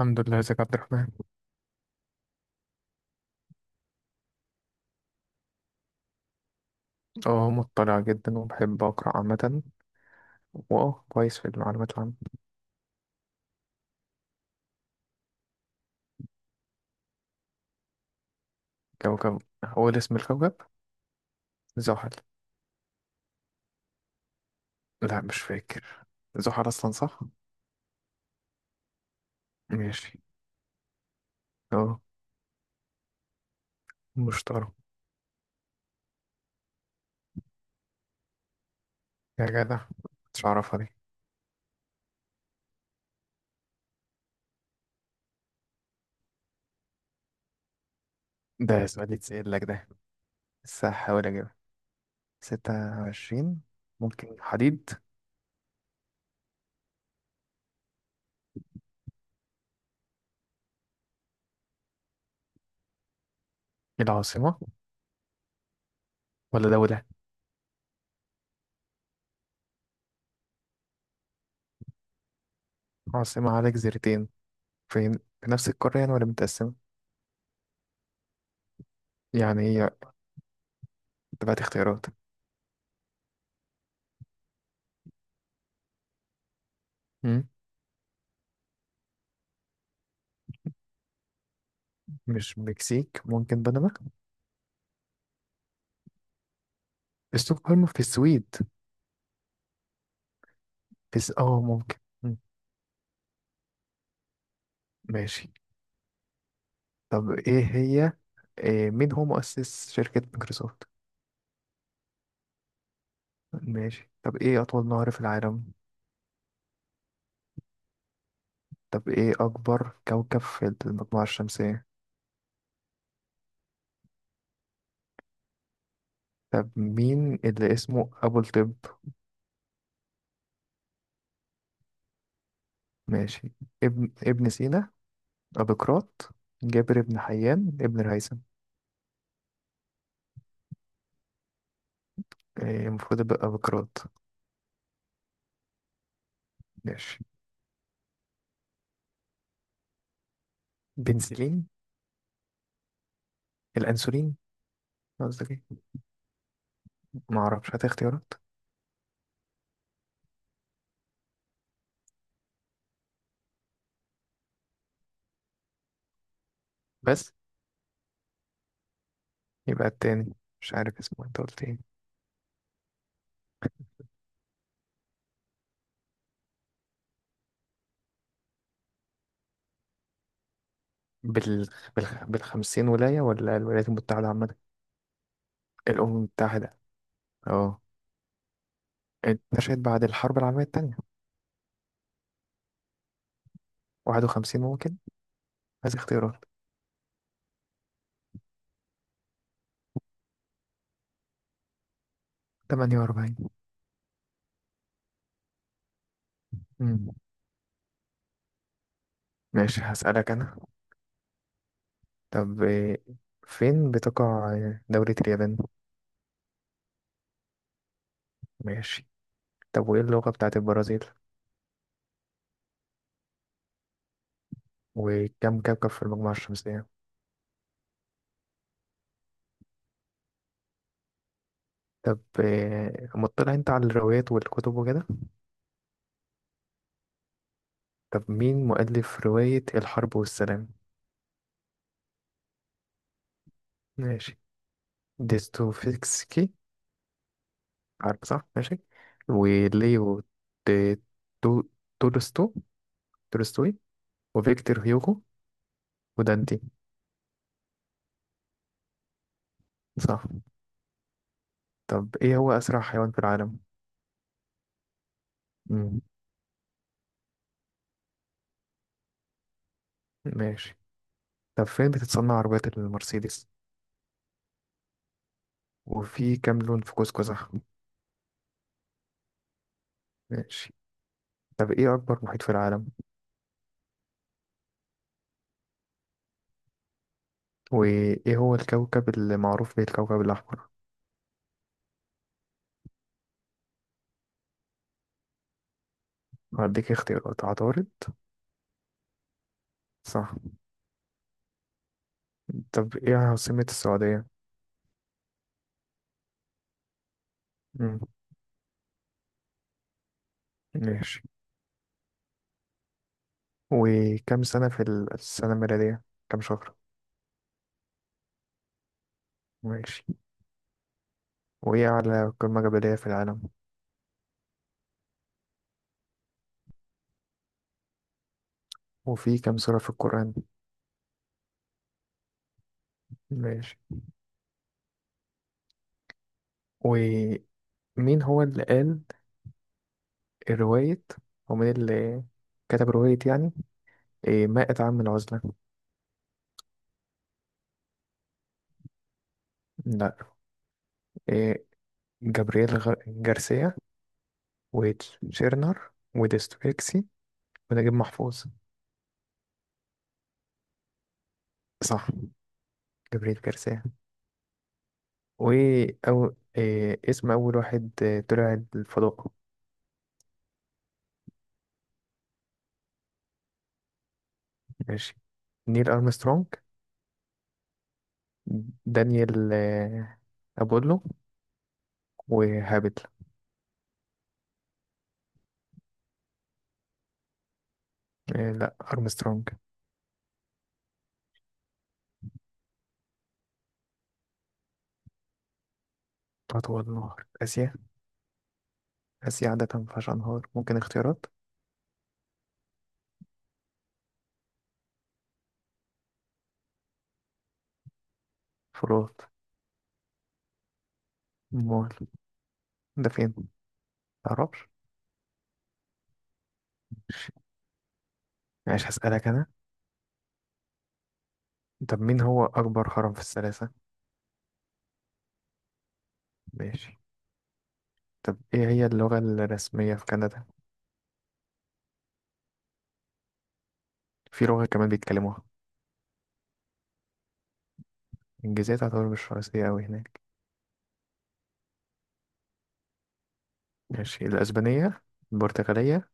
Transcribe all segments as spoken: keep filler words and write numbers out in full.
الحمد لله، ازيك يا عبد الرحمن؟ اه، مطلع جدا وبحب اقرا عامة. واه كويس في المعلومات العامة. كوكب، هو اللي اسم الكوكب؟ زحل. لا مش فاكر. زحل اصلا صح؟ ماشي، اه مشتري. يا جدع، مش عارفها دي. ده سؤال يتسأل لك ده، بس هحاول اجيبها. ستة وعشرين. ممكن حديد. العاصمة ولا دولة؟ عاصمة على جزيرتين. فين، في نفس القارة يعني ولا متقسمة؟ يعني هي تبعت اختيارات. مم. مش مكسيك، ممكن بنما. ستوكهولم في السويد. في س... اه ممكن. مم. ماشي. طب ايه هي إيه مين هو مؤسس شركة مايكروسوفت؟ ماشي. طب ايه أطول نهر في العالم؟ طب ايه أكبر كوكب في المجموعة الشمسية؟ طب مين اللي اسمه أبو الطب؟ ماشي. ابن ابن سينا، أبوقراط، جابر بن حيان، ابن الهيثم. إيه، المفروض يبقى أبوقراط. ماشي. بنسلين؟ الأنسولين؟ قصدك ايه؟ معرفش، هات اختيارات. بس. يبقى التاني، مش عارف اسمه، انت قلت ايه؟ بال... بالخ... بالخمسين ولاية ولا الولايات المتحدة عامة؟ الأمم المتحدة، اه. اتنشأت بعد الحرب العالمية التانية. واحد وخمسين ممكن. عايز اختيارات. تمانية وأربعين. مم. ماشي، هسألك أنا. طب إيه، فين بتقع دولة اليابان؟ ماشي. طب وإيه اللغة بتاعت البرازيل؟ وكم كوكب في المجموعة الشمسية؟ طب إيه، مطلع انت على الروايات والكتب وكده؟ طب مين مؤلف رواية الحرب والسلام؟ ماشي. ديستوفيسكي، عارف صح؟ ماشي. وليو، دي- تو- تولستو تولستوي. وفيكتور هيوغو، ودانتي. صح. طب ايه هو اسرع حيوان في العالم؟ مم. ماشي. طب فين بتتصنع عربيات المرسيدس؟ وفي كام لون في قوس قزح؟ ماشي. طب ايه اكبر محيط في العالم؟ وايه هو الكوكب اللي معروف بيه الكوكب الاحمر؟ هديك اختيارات، عطارد. صح. طب ايه عاصمة السعودية؟ مم. ماشي. وكم سنة في ال- السنة الميلادية، كم شهر؟ ماشي. وإيه أعلى قمة جبلية في العالم؟ وفي كم سورة في القرآن؟ ماشي. ومين هو اللي قال رواية، أو مين اللي كتب رواية يعني، إيه، مائة عام من العزلة؟ لا. إيه، جابرييل غ... جارسيا، وتشيرنر، وديستويكسي، ونجيب محفوظ. صح. جابرييل جارسيا. وأو إيه اسم أول واحد آه، طلع الفضاء؟ ماشي. نيل أرمسترونج، دانيال آه، أبولو، وهابت. آه، لا أرمسترونج. أطول نهر في آسيا. آسيا عادة مفيهاش أنهار، ممكن اختيارات. فروت. مول، ده فين؟ متعرفش. ماشي، هسألك أنا. طب مين هو أكبر هرم في الثلاثة؟ ماشي. طب إيه هي اللغة الرسمية في كندا؟ في لغة كمان بيتكلموها. الإنجليزية تعتبر مش رئيسية أوي هناك. ماشي، الأسبانية، البرتغالية،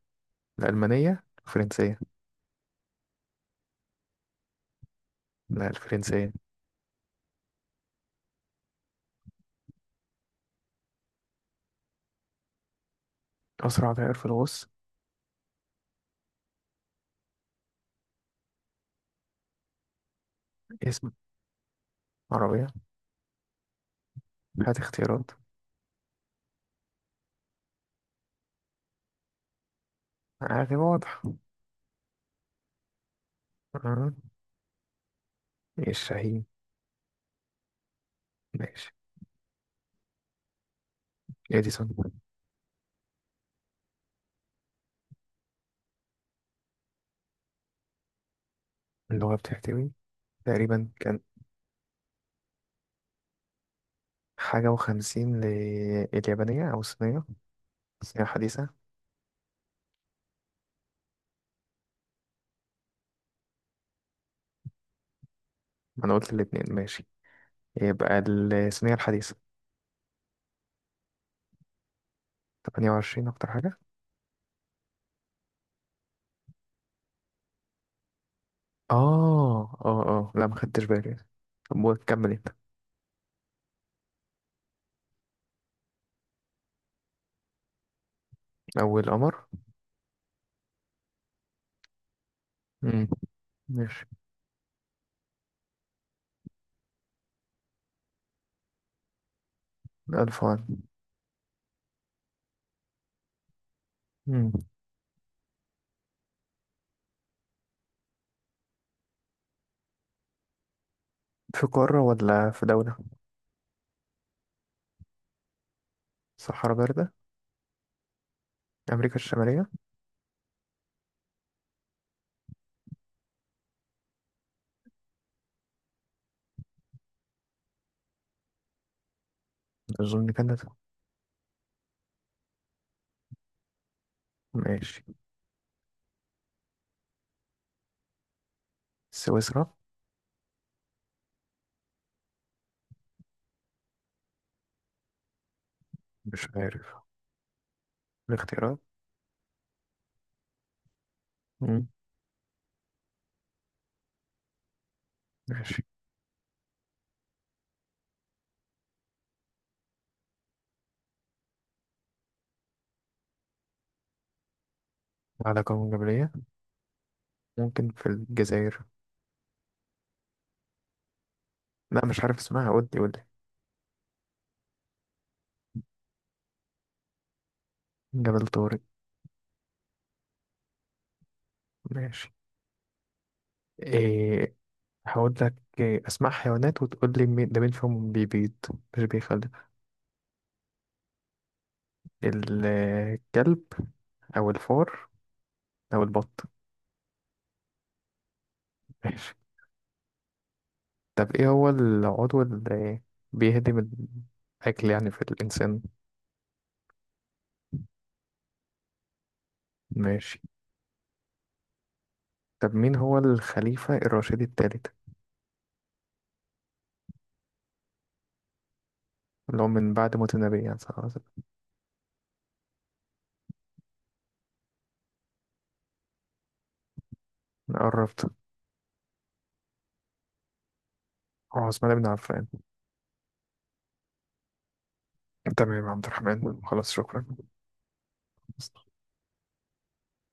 الألمانية، الفرنسية. لا الفرنسية. أسرع طائر في الغوص. اسم عربية. هات اختيارات. عادي واضح. آه. الشاهين. ماشي. اديسون. اللي هو بتحتوي. تقريبا كان حاجة وخمسين، لليابانية أو الصينية. الصينية الحديثة. ما أنا قلت الاتنين، ماشي. يبقى الصينية الحديثة. تمانية وعشرين أكتر حاجة. آه آه آه لا، ما خدتش بالي. طب كمل أنت. أول قمر. مم. ماشي. ألف وان. مم. في قارة ولا في دولة؟ صحراء باردة. أمريكا الشمالية. أظن كندا. ماشي. سويسرا. مش عارف. الاختيارات. مم. ماشي. على قوم جبلية. ممكن في الجزائر. لا مش عارف اسمها، قول لي قول لي. جبل طارق. ماشي. إيه، هقول لك. إيه، اسماء حيوانات، وتقول لي مين ده مين فيهم بيبيض، مش بيخلف. الكلب، او الفار، او البط. ماشي. طب ايه هو العضو اللي بيهدم الاكل يعني في الانسان؟ ماشي. طب مين هو الخليفة الراشدي الثالث، اللي هو من بعد موت النبي يعني صلى الله عليه وسلم؟ قربت. اه، عثمان بن عفان. تمام يا عبد الرحمن، خلاص، شكرا.